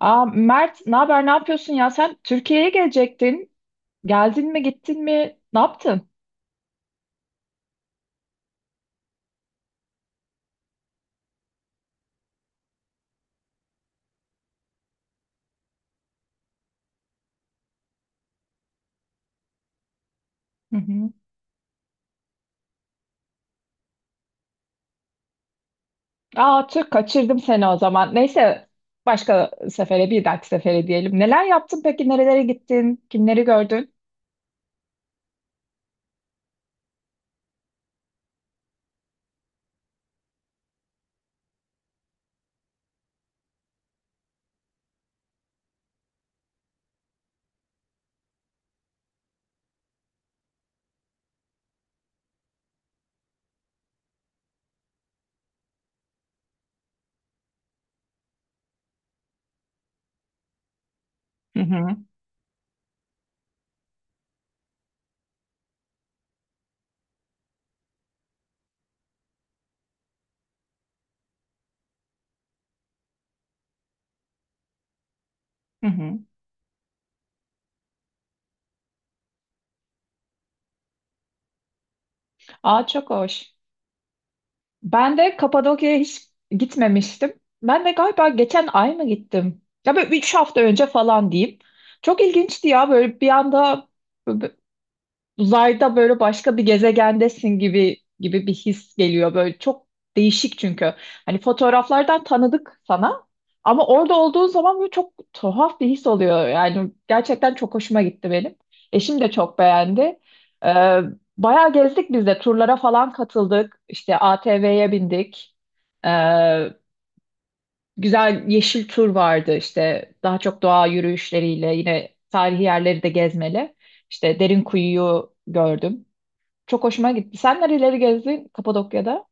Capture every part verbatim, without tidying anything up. Aa, Mert, ne haber? Ne yapıyorsun ya? Sen Türkiye'ye gelecektin. Geldin mi, gittin mi? Ne yaptın? Hı hı. Aa, Türk kaçırdım seni o zaman. Neyse, başka sefere, bir dahaki sefere diyelim. Neler yaptın peki? Nerelere gittin? Kimleri gördün? Hı hı, hı hı. Aa çok hoş. Ben de Kapadokya'ya hiç gitmemiştim. Ben de galiba geçen ay mı gittim? Ya böyle üç hafta önce falan diyeyim. Çok ilginçti ya böyle bir anda uzayda böyle başka bir gezegendesin gibi gibi bir his geliyor böyle çok değişik çünkü. Hani fotoğraflardan tanıdık sana ama orada olduğun zaman böyle çok tuhaf bir his oluyor. Yani gerçekten çok hoşuma gitti benim. Eşim de çok beğendi. Ee, Bayağı gezdik biz de turlara falan katıldık. İşte A T V'ye bindik. Ee, Güzel yeşil tur vardı işte daha çok doğa yürüyüşleriyle yine tarihi yerleri de gezmeli. İşte Derinkuyu'yu gördüm. Çok hoşuma gitti. Sen nereleri gezdin Kapadokya'da?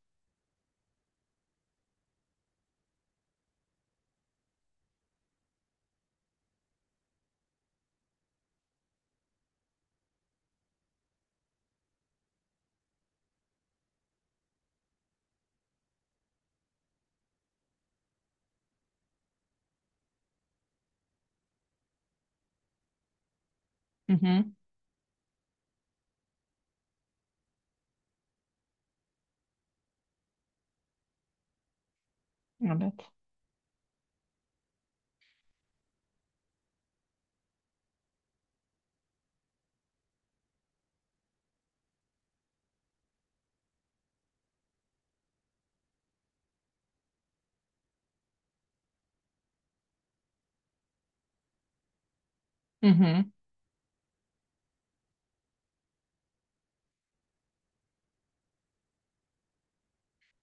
Hı hı. Evet. Hı hı.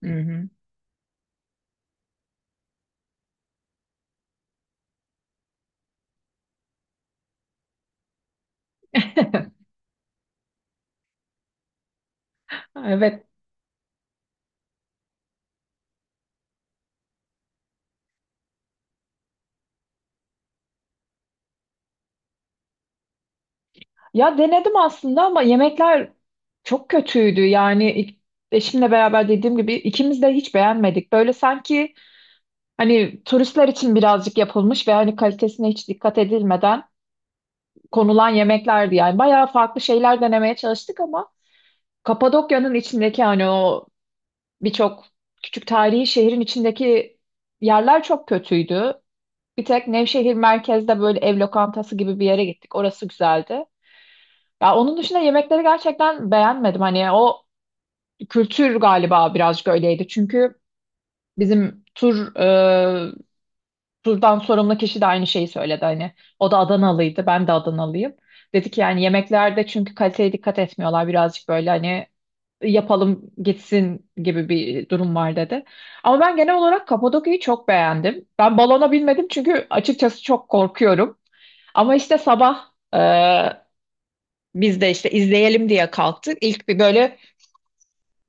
Hı hı. Evet. Ya denedim aslında ama yemekler çok kötüydü. Yani ilk- eşimle beraber dediğim gibi ikimiz de hiç beğenmedik. Böyle sanki hani turistler için birazcık yapılmış ve hani kalitesine hiç dikkat edilmeden konulan yemeklerdi. Yani bayağı farklı şeyler denemeye çalıştık ama Kapadokya'nın içindeki hani o birçok küçük tarihi şehrin içindeki yerler çok kötüydü. Bir tek Nevşehir merkezde böyle ev lokantası gibi bir yere gittik. Orası güzeldi. Ya onun dışında yemekleri gerçekten beğenmedim. Hani o kültür galiba birazcık öyleydi. Çünkü bizim tur e, turdan sorumlu kişi de aynı şeyi söyledi. Hani o da Adanalıydı, ben de Adanalıyım. Dedi ki yani yemeklerde çünkü kaliteye dikkat etmiyorlar. Birazcık böyle hani yapalım gitsin gibi bir durum var dedi. Ama ben genel olarak Kapadokya'yı çok beğendim. Ben balona binmedim çünkü açıkçası çok korkuyorum. Ama işte sabah e, biz de işte izleyelim diye kalktık. İlk bir böyle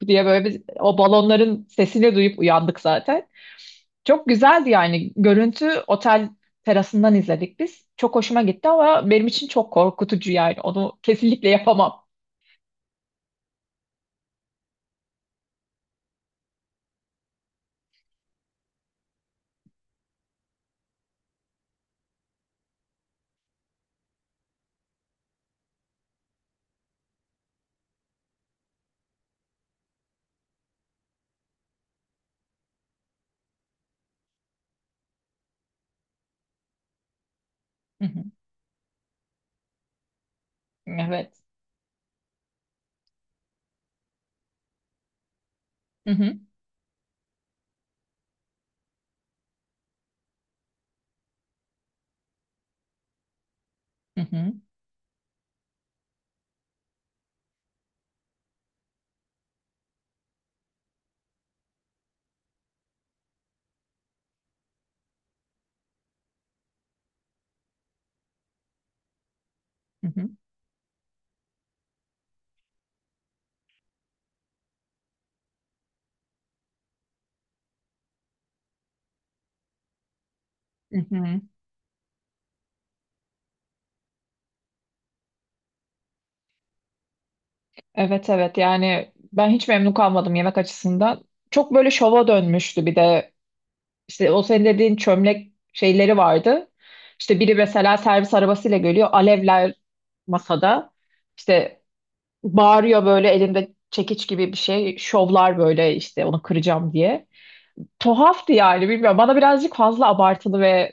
diye böyle bir, o balonların sesini duyup uyandık zaten. Çok güzeldi yani görüntü otel terasından izledik biz. Çok hoşuma gitti ama benim için çok korkutucu yani onu kesinlikle yapamam. Hı hı. Evet. Hı hı. Hı hı. Hı hı. Hı hı. Evet, evet, yani ben hiç memnun kalmadım yemek açısından. Çok böyle şova dönmüştü bir de. İşte o senin dediğin çömlek şeyleri vardı. İşte biri mesela servis arabasıyla geliyor. Alevler masada. İşte bağırıyor böyle elinde çekiç gibi bir şey. Şovlar böyle işte onu kıracağım diye. Tuhaftı yani bilmiyorum. Bana birazcık fazla abartılı ve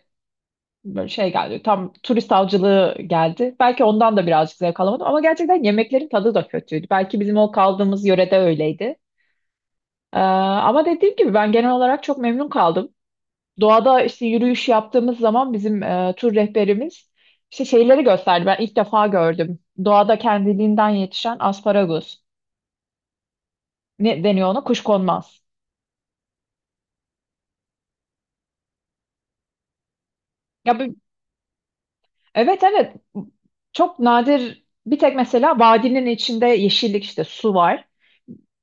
böyle şey geldi. Tam turist avcılığı geldi. Belki ondan da birazcık zevk alamadım. Ama gerçekten yemeklerin tadı da kötüydü. Belki bizim o kaldığımız yörede öyleydi. Ee, ama dediğim gibi ben genel olarak çok memnun kaldım. Doğada işte yürüyüş yaptığımız zaman bizim e, tur rehberimiz işte şeyleri gösterdi. Ben ilk defa gördüm. Doğada kendiliğinden yetişen asparagus. Ne deniyor ona? Kuşkonmaz. Ya bu- evet, evet, çok nadir, bir tek mesela vadinin içinde yeşillik işte su var.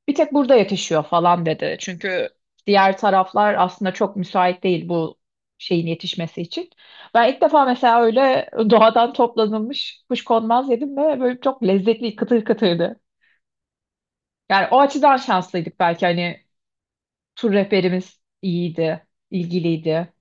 Bir tek burada yetişiyor falan dedi. Çünkü diğer taraflar aslında çok müsait değil bu şeyin yetişmesi için. Ben ilk defa mesela öyle doğadan toplanılmış kuşkonmaz yedim ve böyle çok lezzetli kıtır kıtırdı. Yani o açıdan şanslıydık belki hani tur rehberimiz iyiydi, ilgiliydi.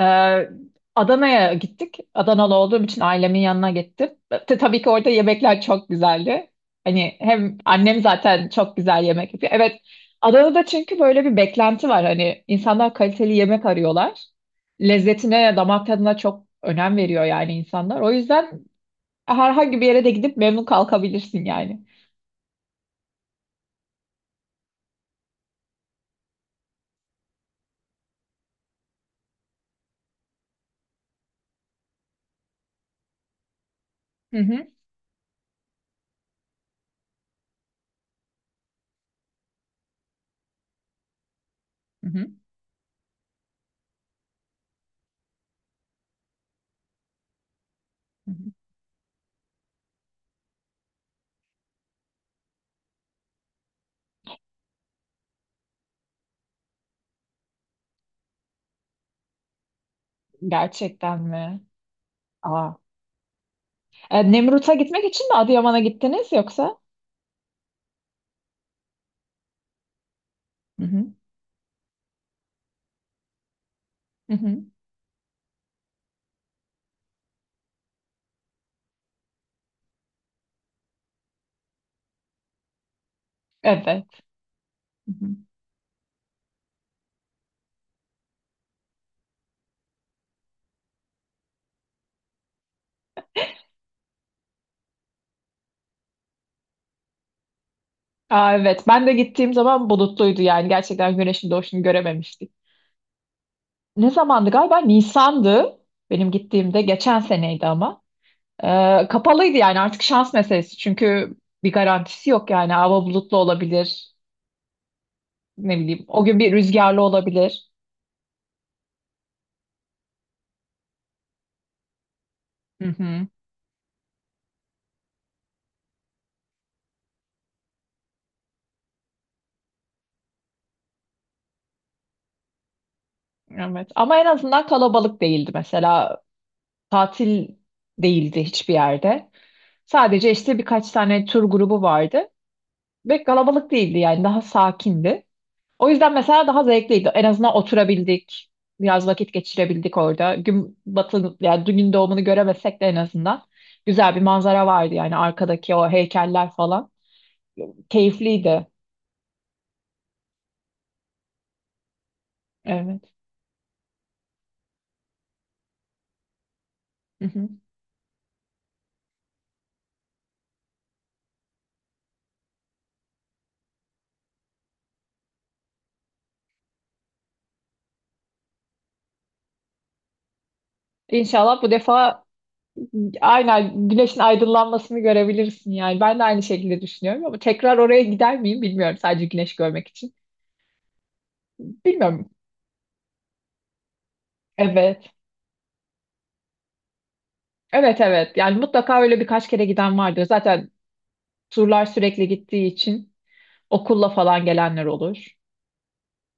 Ee, Adana'ya gittik. Adanalı olduğum için ailemin yanına gittim. Te- tabii ki orada yemekler çok güzeldi. Hani hem annem zaten çok güzel yemek yapıyor. Evet, Adana'da çünkü böyle bir beklenti var. Hani insanlar kaliteli yemek arıyorlar. Lezzetine, damak tadına çok önem veriyor yani insanlar. O yüzden herhangi bir yere de gidip memnun kalkabilirsin yani. Hı hı. Hı hı. Hı hı. Gerçekten mi? Aa. E, Nemrut'a gitmek için mi Adıyaman'a gittiniz yoksa? Hı hı. Hı hı. Evet. Hı hı. Aa, evet. Ben de gittiğim zaman bulutluydu yani. Gerçekten güneşin doğuşunu görememiştik. Ne zamandı galiba? Nisan'dı. Benim gittiğimde geçen seneydi ama. Ee, kapalıydı yani artık şans meselesi. Çünkü bir garantisi yok yani. Hava bulutlu olabilir. Ne bileyim. O gün bir rüzgarlı olabilir. Hı hı. Evet. Ama en azından kalabalık değildi mesela. Tatil değildi hiçbir yerde. Sadece işte birkaç tane tur grubu vardı ve kalabalık değildi yani daha sakindi. O yüzden mesela daha zevkliydi. En azından oturabildik, biraz vakit geçirebildik orada. Gün batı yani Gün doğumunu göremesek de en azından güzel bir manzara vardı yani arkadaki o heykeller falan. Keyifliydi. Evet. Hı hı. İnşallah bu defa aynen güneşin aydınlanmasını görebilirsin yani. Ben de aynı şekilde düşünüyorum ama tekrar oraya gider miyim bilmiyorum sadece güneş görmek için. Bilmiyorum. Evet. Evet, evet, yani mutlaka öyle birkaç kere giden vardır. Zaten turlar sürekli gittiği için okulla falan gelenler olur.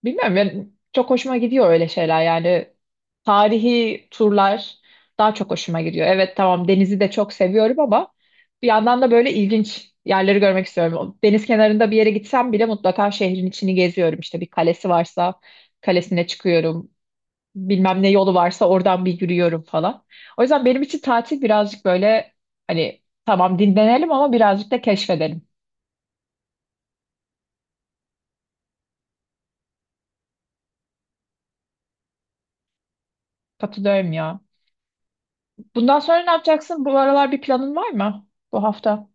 Bilmiyorum, ben çok hoşuma gidiyor öyle şeyler, yani tarihi turlar daha çok hoşuma gidiyor. Evet, tamam, denizi de çok seviyorum ama bir yandan da böyle ilginç yerleri görmek istiyorum. O deniz kenarında bir yere gitsem bile mutlaka şehrin içini geziyorum. İşte bir kalesi varsa kalesine çıkıyorum, bilmem ne yolu varsa oradan bir yürüyorum falan. O yüzden benim için tatil birazcık böyle hani tamam dinlenelim ama birazcık da keşfedelim. Katılıyorum ya. Bundan sonra ne yapacaksın? Bu aralar bir planın var mı bu hafta?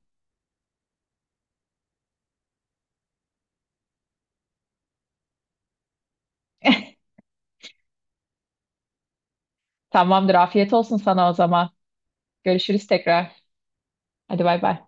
Tamamdır. Afiyet olsun sana o zaman. Görüşürüz tekrar. Hadi bay bay.